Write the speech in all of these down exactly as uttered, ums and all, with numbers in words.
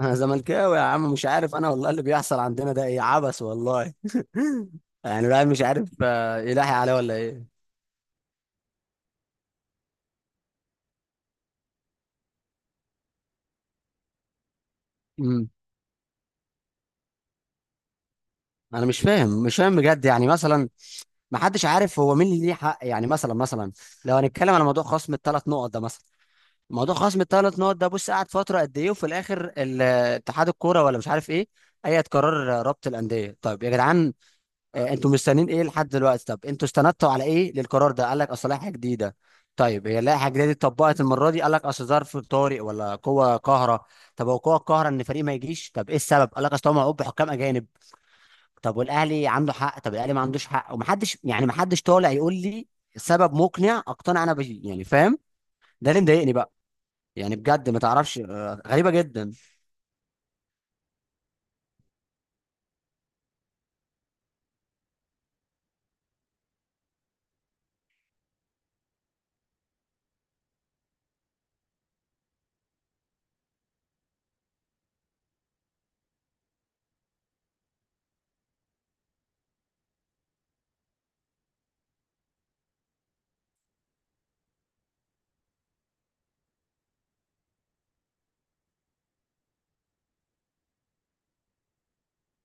انا زملكاوي يا عم، مش عارف انا والله. اللي بيحصل عندنا ده ايه؟ عبث والله. يعني الواحد مش عارف، آه، يلاحي عليه ولا ايه؟ امم انا مش فاهم مش فاهم بجد، يعني مثلا ما حدش عارف هو مين اللي ليه حق، يعني مثلا مثلا لو هنتكلم على موضوع خصم الثلاث نقط ده مثلا، موضوع خصم الثلاث نقط ده، بص قعد فتره قد ايه؟ وفي الاخر ال- اتحاد الكوره ولا مش عارف ايه، اي قرار، رابط الانديه. طيب يا جدعان، آه، انتوا مستنيين ايه لحد دلوقتي؟ طب انتوا استندتوا على ايه للقرار ده؟ قال لك اصل لائحه جديده. طيب هي اللائحه الجديده دي اتطبقت المره دي؟ قال لك اصل ظرف طارئ ولا قوه قاهره. طب هو قوه قاهره ان فريق ما يجيش؟ طب ايه السبب؟ قال لك اصل هو معقوب بحكام اجانب. طب والاهلي عنده حق؟ طب الاهلي ما عندوش حق؟ ومحدش، يعني محدش طالع يقول لي سبب مقنع اقتنع انا بيه، يعني فاهم؟ ده اللي مضايقني بقى. يعني بجد ما تعرفش، آه، غريبه جدا.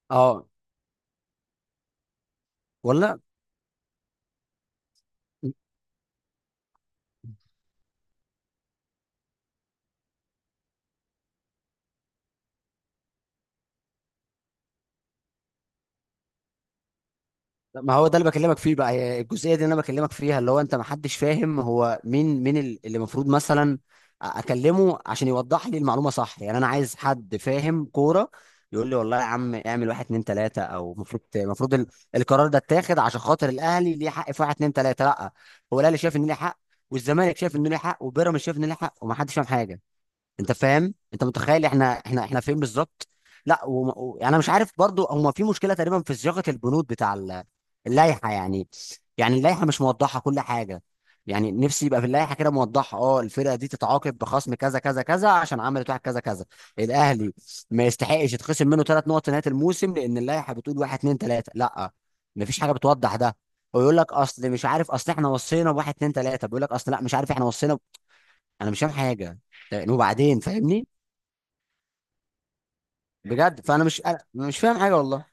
اه، ولا، ما هو ده اللي بكلمك فيه بقى، هي الجزئيه دي اللي انا بكلمك فيها، اللي هو انت، ما حدش فاهم هو مين، مين ال- اللي المفروض مثلا اكلمه عشان يوضح لي المعلومه صح. يعني انا عايز حد فاهم كوره يقول لي والله يا عم، اعمل واحد اتنين تلاته، او المفروض المفروض ال- القرار ده اتاخد عشان خاطر الاهلي ليه حق في واحد اتنين تلاته. لا، هو الاهلي شايف ان ليه حق، والزمالك شايف ان ليه حق، وبيراميدز شايف ان ليه حق، وما حدش فاهم حاجه. انت فاهم؟ انت متخيل احنا احنا احنا فين بالظبط؟ لا، وم... و... يعني انا مش عارف برضو. هما في مشكله تقريبا في صياغه البنود بتاع ال- اللائحه يعني. يعني اللائحه مش موضحه كل حاجه. يعني نفسي يبقى في اللائحه كده موضحه، اه، الفرقه دي تتعاقب بخصم كذا كذا كذا عشان عملت واحد كذا كذا. الاهلي ما يستحقش يتخصم منه ثلاث نقط نهايه الموسم لان اللائحه بتقول واحد اتنين تلاته. لا، مفيش حاجه بتوضح ده. ويقول لك اصل مش عارف، اصل احنا وصينا بواحد اتنين تلاته، بيقول لك اصل لا، مش عارف، احنا وصينا ب... انا مش فاهم حاجه. طيب، وبعدين فاهمني بجد، فانا مش أنا مش فاهم حاجه والله.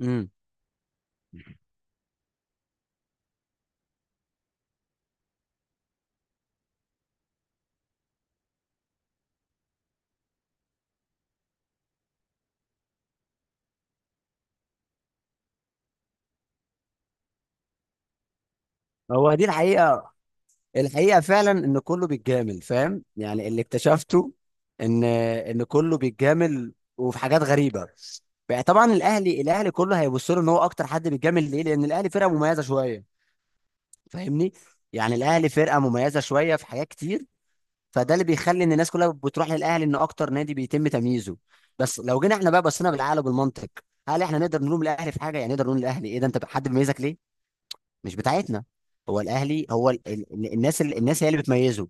امم هو دي الحقيقه الحقيقه فعلا ان كله بيتجامل، فاهم؟ يعني اللي اكتشفته ان ان كله بيتجامل، وفي حاجات غريبه بقى. طبعا الاهلي الاهلي كله هيبص له ان هو اكتر حد بيتجامل ليه، لان الاهلي فرقه مميزه شويه، فاهمني؟ يعني الاهلي فرقه مميزه شويه في حاجات كتير، فده اللي بيخلي ان الناس كلها بتروح للاهلي، ان اكتر نادي بيتم تمييزه. بس لو جينا احنا بقى بصينا بالعقل وبالمنطق، هل احنا نقدر نلوم الاهلي في حاجه؟ يعني نقدر نقول الاهلي ايه ده، انت حد بيميزك ليه؟ مش بتاعتنا. هو الاهلي هو ال... ال... ال- الناس ال... الناس هي اللي بتميزه.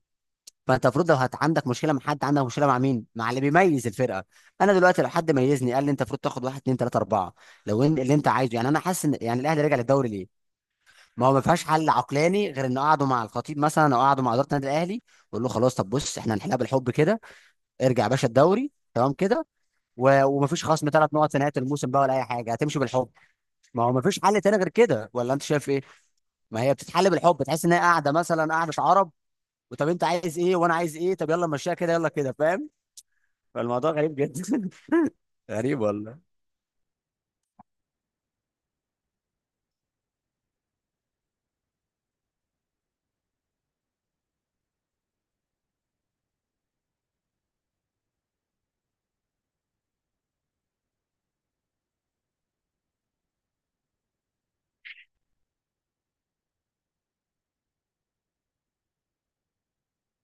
فانت المفروض لو هت... عندك مشكله مع حد، عندك مشكله مع مين؟ مع اللي بيميز الفرقه. انا دلوقتي لو حد ميزني قال لي انت المفروض تاخد واحد اتنين تلاته اربعه، لو ان... اللي انت عايزه، يعني انا حاسس ان يعني الاهلي رجع للدوري ليه. ما هو ما فيهاش حل عقلاني غير ان قعدوا مع الخطيب مثلا، او قعدوا مع اداره النادي الاهلي، وقال له خلاص طب بص، احنا هنحلها بالحب كده. ارجع يا باشا الدوري تمام كده، و... ومفيش خصم ثلاث نقط في نهايه الموسم بقى ولا اي حاجه، هتمشي بالحب. ما هو مفيش حل تاني غير كده، ولا انت شايف ايه؟ ما هي بتتحل بالحب، تحس ان هي قاعده مثلا، قاعده عرب، وطب انت عايز ايه وانا عايز ايه، طب يلا نمشيها كده يلا كده، فاهم؟ فالموضوع غريب جدا. غريب والله.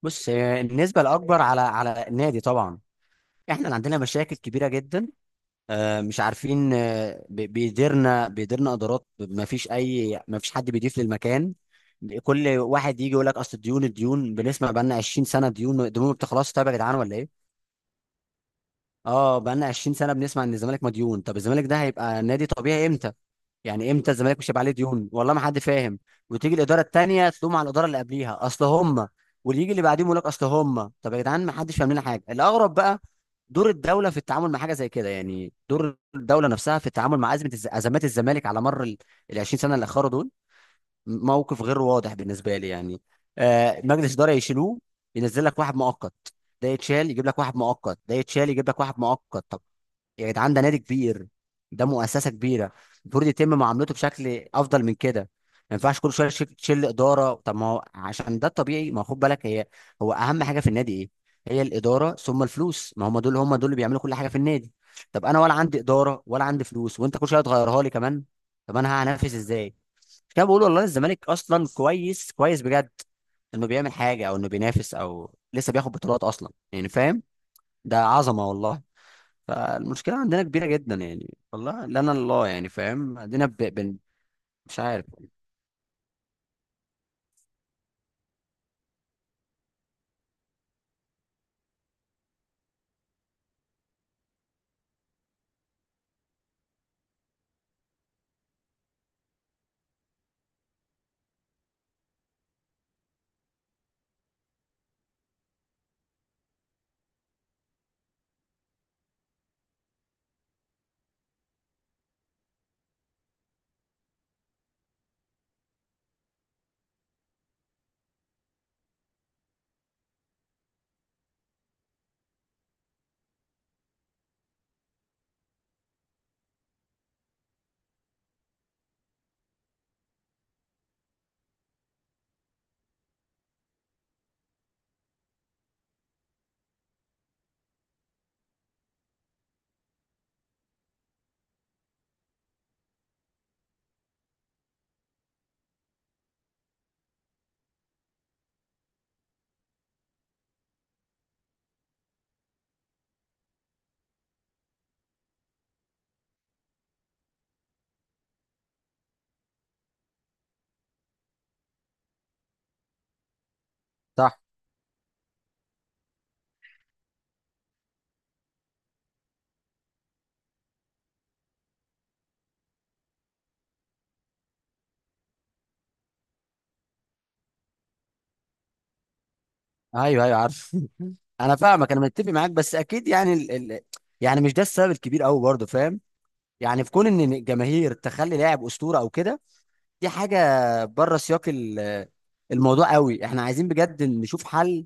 بص، هي النسبه الاكبر على على النادي طبعا. احنا اللي عندنا مشاكل كبيره جدا. آه، مش عارفين، آه، بي- بيديرنا بيديرنا ادارات. ما فيش اي ما فيش حد بيضيف للمكان. كل واحد يجي يقول لك اصل الديون الديون، بنسمع بقى لنا عشرين سنه ديون، الديون ما بتخلصش. طيب يا جدعان، ولا ايه؟ اه، بقالنا عشرين سنه بنسمع ان الزمالك مديون. طب الزمالك ده هيبقى نادي طبيعي امتى؟ يعني امتى الزمالك مش هيبقى عليه ديون؟ والله ما حد فاهم. وتيجي الاداره التانيه تلوم على الاداره اللي قبليها، اصل هم، واللي يجي اللي بعديهم يقول لك اصل هم. طب يا جدعان، ما حدش فاهم لنا حاجه. الاغرب بقى دور الدوله في التعامل مع حاجه زي كده، يعني دور الدوله نفسها في التعامل مع ازمه الز- ازمات الزمالك على مر ال ال عشرين سنه اللي اخروا دول. موقف غير واضح بالنسبه لي يعني. آه مجلس اداره يشيلوه، ينزل لك واحد مؤقت، ده يتشال يجيب لك واحد مؤقت، ده يتشال يجيب لك واحد مؤقت. طب يا جدعان، ده نادي كبير، ده مؤسسه كبيره، المفروض يتم معاملته بشكل افضل من كده. ما ينفعش كل شويه تشيل تشيل اداره. طب ما هو عشان ده الطبيعي، ما هو خد بالك، هي هو اهم حاجه في النادي ايه؟ هي الاداره، ثم الفلوس. ما هم دول، هم دول اللي بيعملوا كل حاجه في النادي. طب انا ولا عندي اداره ولا عندي فلوس، وانت كل شويه تغيرها لي كمان. طب انا هنافس ازاي؟ مش كده بقول؟ والله الزمالك اصلا كويس كويس بجد انه بيعمل حاجه، او انه بينافس، او لسه بياخد بطولات اصلا، يعني فاهم؟ ده عظمه والله. فالمشكلة عندنا كبيرة جدا يعني، والله لنا الله، يعني فاهم؟ عندنا ب... بن... مش عارف، صح. ايوه ايوه عارف. انا فاهمك، انا متفق معاك، بس اكيد يعني ال... ال... يعني مش ده السبب الكبير قوي برضه، فاهم؟ يعني في كون ان الجماهير تخلي لاعب اسطورة او كده، دي حاجة بره سياق ال... الموضوع قوي. احنا عايزين بجد نشوف حل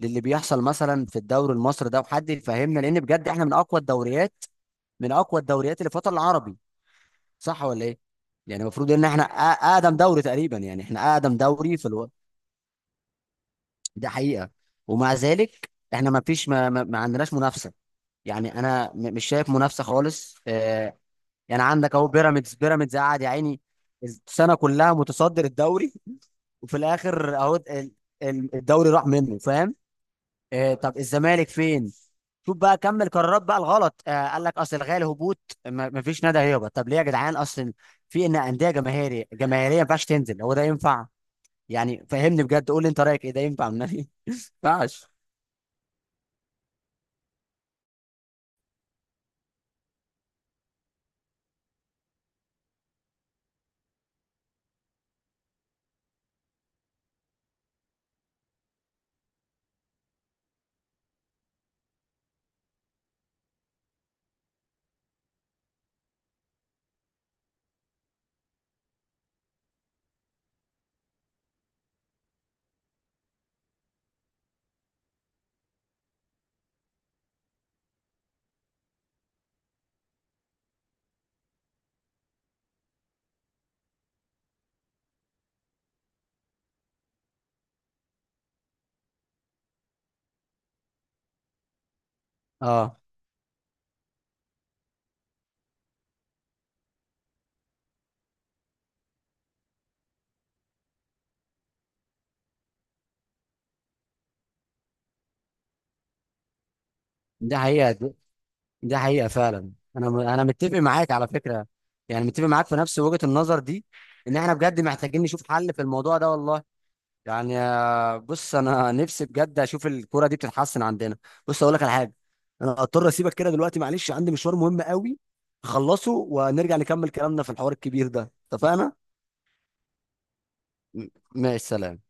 للي بيحصل مثلا في الدوري المصري ده، وحد يفهمنا، لان بجد احنا من اقوى الدوريات، من اقوى الدوريات اللي في الوطن العربي، صح ولا ايه؟ يعني المفروض ان احنا أ- اقدم دوري تقريبا. يعني احنا اقدم دوري في الوقت، ده حقيقه. ومع ذلك احنا ما فيش ما, ما, ما عندناش منافسه. يعني انا م- مش شايف منافسه خالص. آه يعني عندك اهو بيراميدز بيراميدز قاعد يا عيني، السنه كلها متصدر الدوري. وفي الاخر اهو ال- ال- الدوري راح منه، فاهم؟ آه طب الزمالك فين؟ شوف بقى كمل قرارات بقى الغلط، آه قال لك اصل الغالي هبوط، ما ما فيش نادي هيهبط. طب ليه يا جدعان؟ اصل في ان انديه جماهيريه، جماهيريه ما ينفعش تنزل، هو ده ينفع؟ يعني فهمني بجد، قول لي انت رايك ايه، ده ينفع من نادي؟ ما ينفعش. اه، ده حقيقه، ده ده حقيقه فعلا. انا م- انا متفق معاك على فكره، يعني متفق معاك في نفس وجهه النظر دي، ان احنا بجد محتاجين نشوف حل في الموضوع ده والله. يعني آه، بص، انا نفسي بجد اشوف الكوره دي بتتحسن عندنا. بص اقول لك على حاجه، انا اضطر اسيبك كده دلوقتي، معلش، عندي مشوار مهم قوي، اخلصه ونرجع نكمل كلامنا في الحوار الكبير ده، اتفقنا؟ م- ماشي، سلام.